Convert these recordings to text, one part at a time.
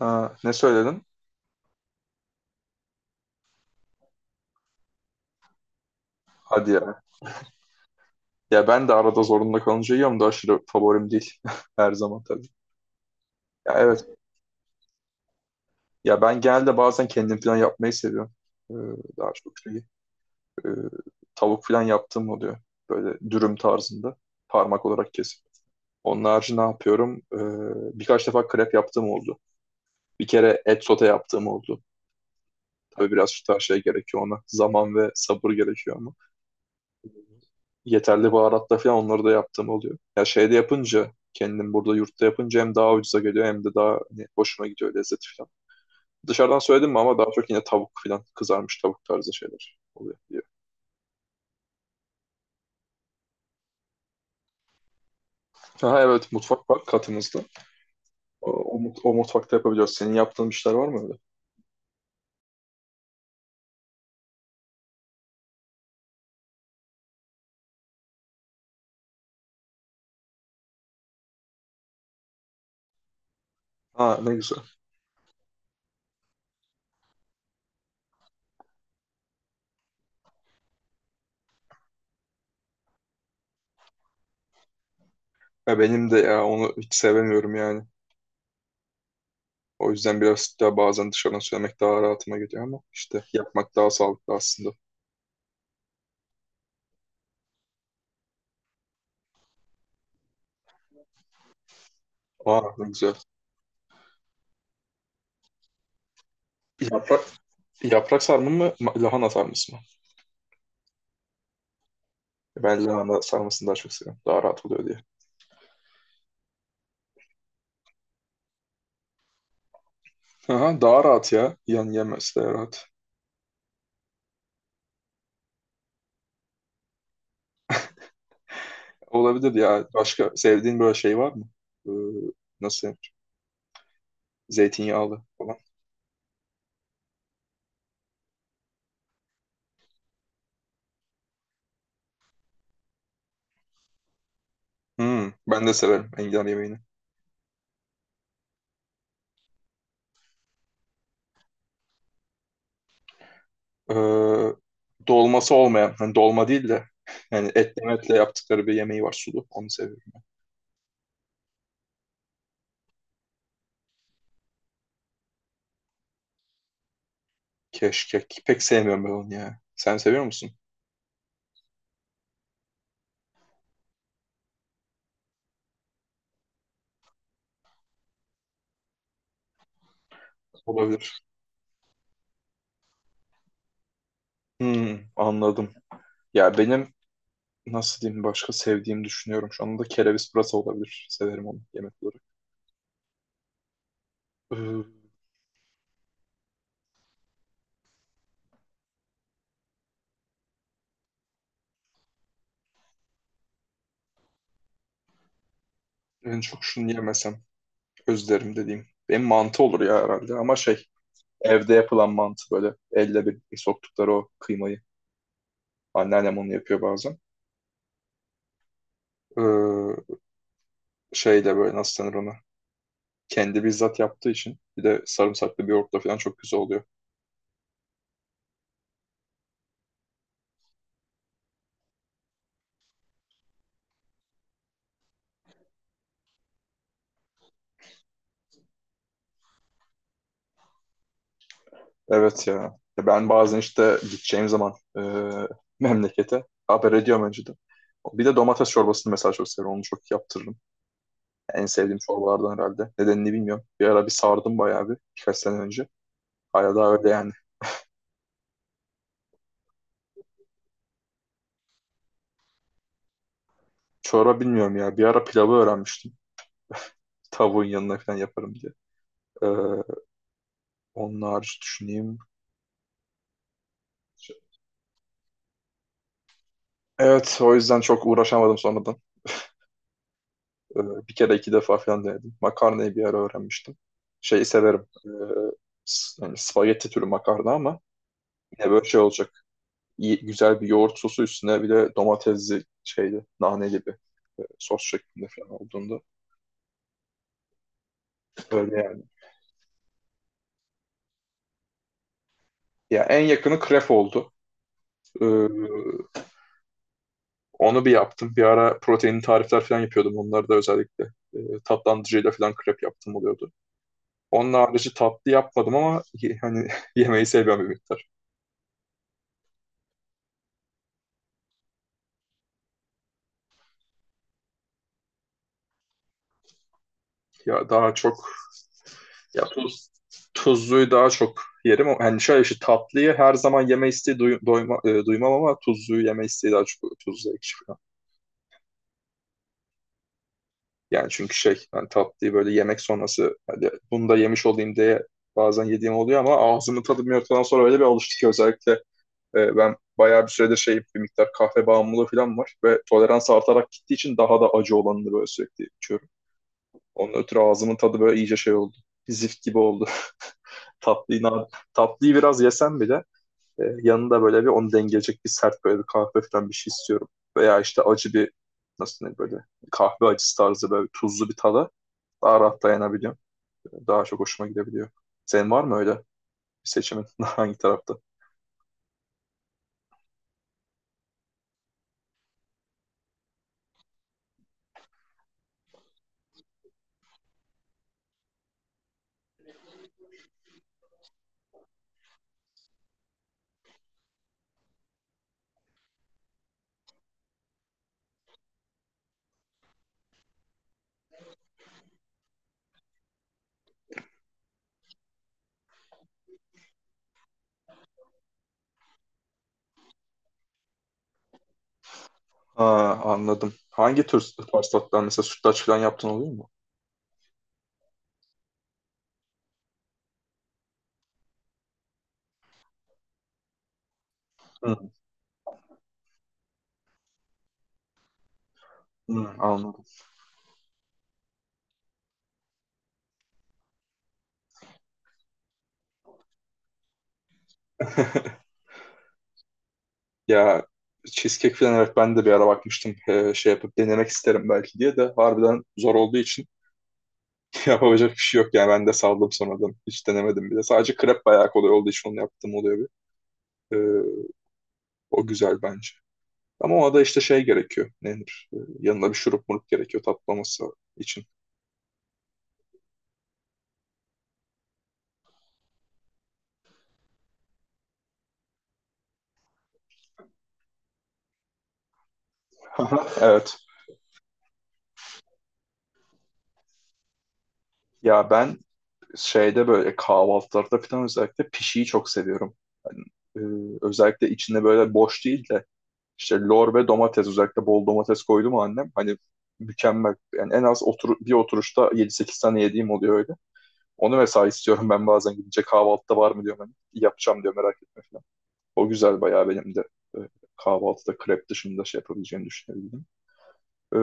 Ha, ne söyledin? Hadi ya. Ya ben de arada zorunda kalınca yiyorum da aşırı favorim değil. Her zaman tabii. Ya evet. Ya ben genelde bazen kendim falan yapmayı seviyorum. Ee, daha çok şeyi. ee, Tavuk falan yaptığım oluyor. Böyle dürüm tarzında. Parmak olarak kesip. Onun harici ne yapıyorum? Birkaç defa krep yaptığım oldu. Bir kere et sote yaptığım oldu. Tabii biraz şu tarz şey gerekiyor ona. Zaman ve sabır gerekiyor ama yeterli baharatla falan onları da yaptığım oluyor. Ya şeyde yapınca kendim burada yurtta yapınca hem daha ucuza geliyor hem de daha hani, hoşuma gidiyor lezzeti falan. Dışarıdan söyledim mi ama daha çok yine tavuk falan kızarmış tavuk tarzı şeyler oluyor diyor. Ha evet, mutfak var katımızda. O mutfakta yapabiliyoruz. Senin yaptığın işler var mı öyle? Ha ne güzel. Ya benim de ya onu hiç sevemiyorum yani. O yüzden biraz daha bazen dışarıdan söylemek daha rahatıma geliyor ama işte yapmak daha sağlıklı aslında. Aa ne güzel. Yaprak, Yaprak sarma mı, lahana sarması mı? Ben lahana sarmasını daha çok seviyorum. Daha rahat oluyor diye. Aha, daha rahat ya. Yan yemesi de rahat. Olabilir ya. Başka sevdiğin böyle şey var mı? Ee, Nasıl denir? Zeytinyağlı falan. Hmm, ben de severim enginar yemeğini. Ee, Dolması olmayan, hani dolma değil de yani etle metle yaptıkları bir yemeği var sulu. Onu seviyorum. Keşkek. Pek sevmiyorum ben onu ya. Sen seviyor musun? Olabilir. Hmm, anladım. Ya benim nasıl diyeyim, başka sevdiğimi düşünüyorum. Şu anda kereviz pırasa olabilir. Severim onu yemek olarak. Ee, En çok şunu yemesem özlerim dediğim. Benim mantı olur ya herhalde, ama şey, evde yapılan mantı, böyle elle bir soktukları o kıymayı. Anneannem onu yapıyor bazen. Ee, Şey de böyle, nasıl denir ona. Kendi bizzat yaptığı için bir de sarımsaklı bir yoğurtla falan çok güzel oluyor. Evet ya. Ya ben bazen işte gideceğim zaman memlekete haber ediyorum önceden. Bir de domates çorbasını mesela çok seviyorum. Onu çok yaptırırım. En sevdiğim çorbalardan herhalde. Nedenini bilmiyorum. Bir ara bir sardım bayağı, bir birkaç sene önce. Hala daha öyle yani. Çorba bilmiyorum ya. Bir ara pilavı öğrenmiştim. Tavuğun yanına falan yaparım diye. Ee, Onun hariç düşüneyim. Evet, o yüzden çok uğraşamadım sonradan. Ee, Bir kere iki defa falan denedim. Makarnayı bir ara öğrenmiştim. Şeyi severim. Yani spagetti türü makarna, ama yine böyle şey olacak. İyi, güzel bir yoğurt sosu üstüne bir de domatesli şeydi. Nane gibi sos şeklinde falan olduğunda. Öyle yani. Ya en yakını krep oldu. Ee, Onu bir yaptım. Bir ara proteinli tarifler falan yapıyordum. Onları da özellikle e, tatlandırıcıyla falan krep yaptım oluyordu. Onun harici tatlı yapmadım, ama hani yemeği seviyorum bir miktar. Ya daha çok ya tuz Tuzluyu daha çok yerim. Yani şöyle bir şey, tatlıyı her zaman yeme isteği duymam, ama tuzluyu yeme isteği daha çok, tuzlu ekşi falan. Yani çünkü şey, hani tatlıyı böyle yemek sonrası, hani bunu da yemiş olayım diye bazen yediğim oluyor, ama ağzımın tadı bir noktadan sonra öyle bir alıştı ki, özellikle ben bayağı bir süredir şey, bir miktar kahve bağımlılığı falan var ve tolerans artarak gittiği için daha da acı olanını böyle sürekli içiyorum. Onun ötürü ağzımın tadı böyle iyice şey oldu. Zift gibi oldu. Tatlıyı, na- Tatlıyı biraz yesem bile yanında böyle bir onu dengeleyecek bir sert, böyle bir kahve falan bir şey istiyorum. Veya işte acı bir, nasıl diyeyim, böyle kahve acısı tarzı böyle tuzlu bir tada daha rahat dayanabiliyorum. Daha çok hoşuma gidebiliyor. Senin var mı öyle bir seçimin hangi tarafta? Ha, anladım. Hangi tür pastalar, mesela sütlaç falan yaptın, oluyor mu? Hı, hı, anladım. Ya cheesecake falan, evet, ben de bir ara bakmıştım. Şey yapıp denemek isterim belki diye de, harbiden zor olduğu için yapabilecek bir şey yok yani, ben de saldım sonradan, hiç denemedim bile. Sadece krep bayağı kolay olduğu için onu yaptım oluyor bir. Ee, O güzel bence, ama ona da işte şey gerekiyor, nedir, yanına bir şurup murup gerekiyor tatlaması için. Evet, ya ben şeyde böyle kahvaltılarda falan özellikle pişiyi çok seviyorum. Yani, e, özellikle içinde böyle boş değil de işte lor ve domates, özellikle bol domates koydu mu annem, hani mükemmel. Yani en az bir oturuşta yedi sekiz tane yediğim oluyor öyle. Onu mesela istiyorum ben, bazen gidince kahvaltıda var mı diyorum, hani yapacağım diyor, merak etme falan. O güzel bayağı. Benim de e, kahvaltıda krep dışında şey yapabileceğimi düşünebildim. E,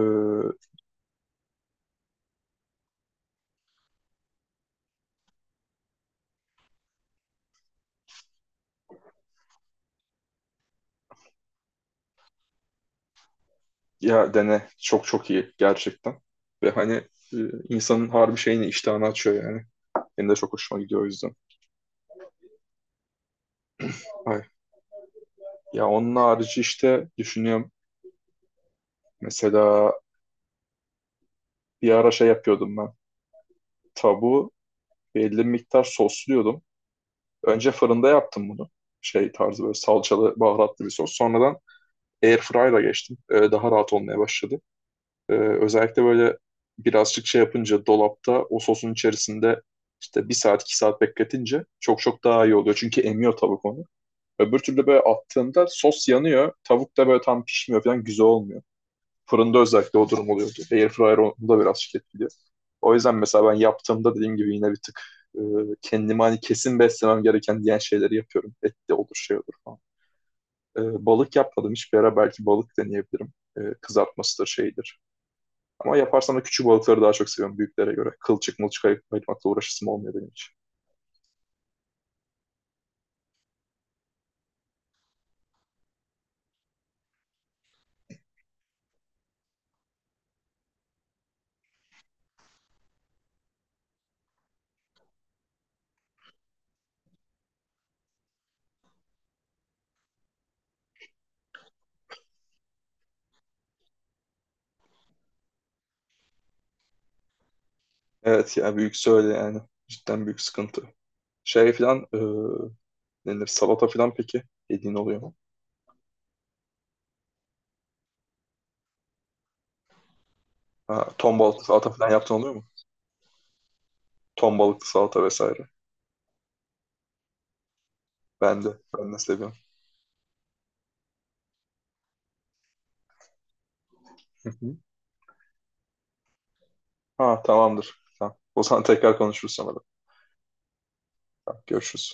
Ya dene, çok çok iyi gerçekten. Ve hani e, insanın harbi şeyini, iştahını açıyor yani. Benim de çok hoşuma gidiyor o yüzden. Ay. Ya onun harici işte düşünüyorum. Mesela bir ara şey yapıyordum ben. Tavuğu belli bir miktar sosluyordum. Önce fırında yaptım bunu. Şey tarzı böyle salçalı, baharatlı bir sos. Sonradan airfryer'a geçtim. Daha rahat olmaya başladı. Özellikle böyle birazcık şey yapınca, dolapta o sosun içerisinde işte 1 saat 2 saat bekletince çok çok daha iyi oluyor. Çünkü emiyor tavuk onu. Öbür türlü böyle attığında sos yanıyor. Tavuk da böyle tam pişmiyor falan, güzel olmuyor. Fırında özellikle o durum oluyordu. Airfryer onu da biraz etkiliyor. O yüzden mesela ben yaptığımda, dediğim gibi, yine bir tık e, kendime hani kesin beslemem gereken diyen şeyleri yapıyorum. Et de olur şey olur falan. Balık yapmadım hiçbir ara belki balık deneyebilirim. Kızartmasıdır şeydir. Ama yaparsam da küçük balıkları daha çok seviyorum büyüklere göre. Kılçık mılçık ayırmakla uğraşısım olmuyor benim için. Evet yani büyük söyle yani. Cidden büyük sıkıntı. Şey filan e, Denir salata filan, peki yediğin oluyor mu? Ha, ton balıklı salata filan yaptığın oluyor mu? Ton balıklı salata vesaire. Ben de. Ben de seviyorum. Hı hı. Ha tamamdır. Tamam. O zaman tekrar konuşuruz sonra da. Tamam, görüşürüz.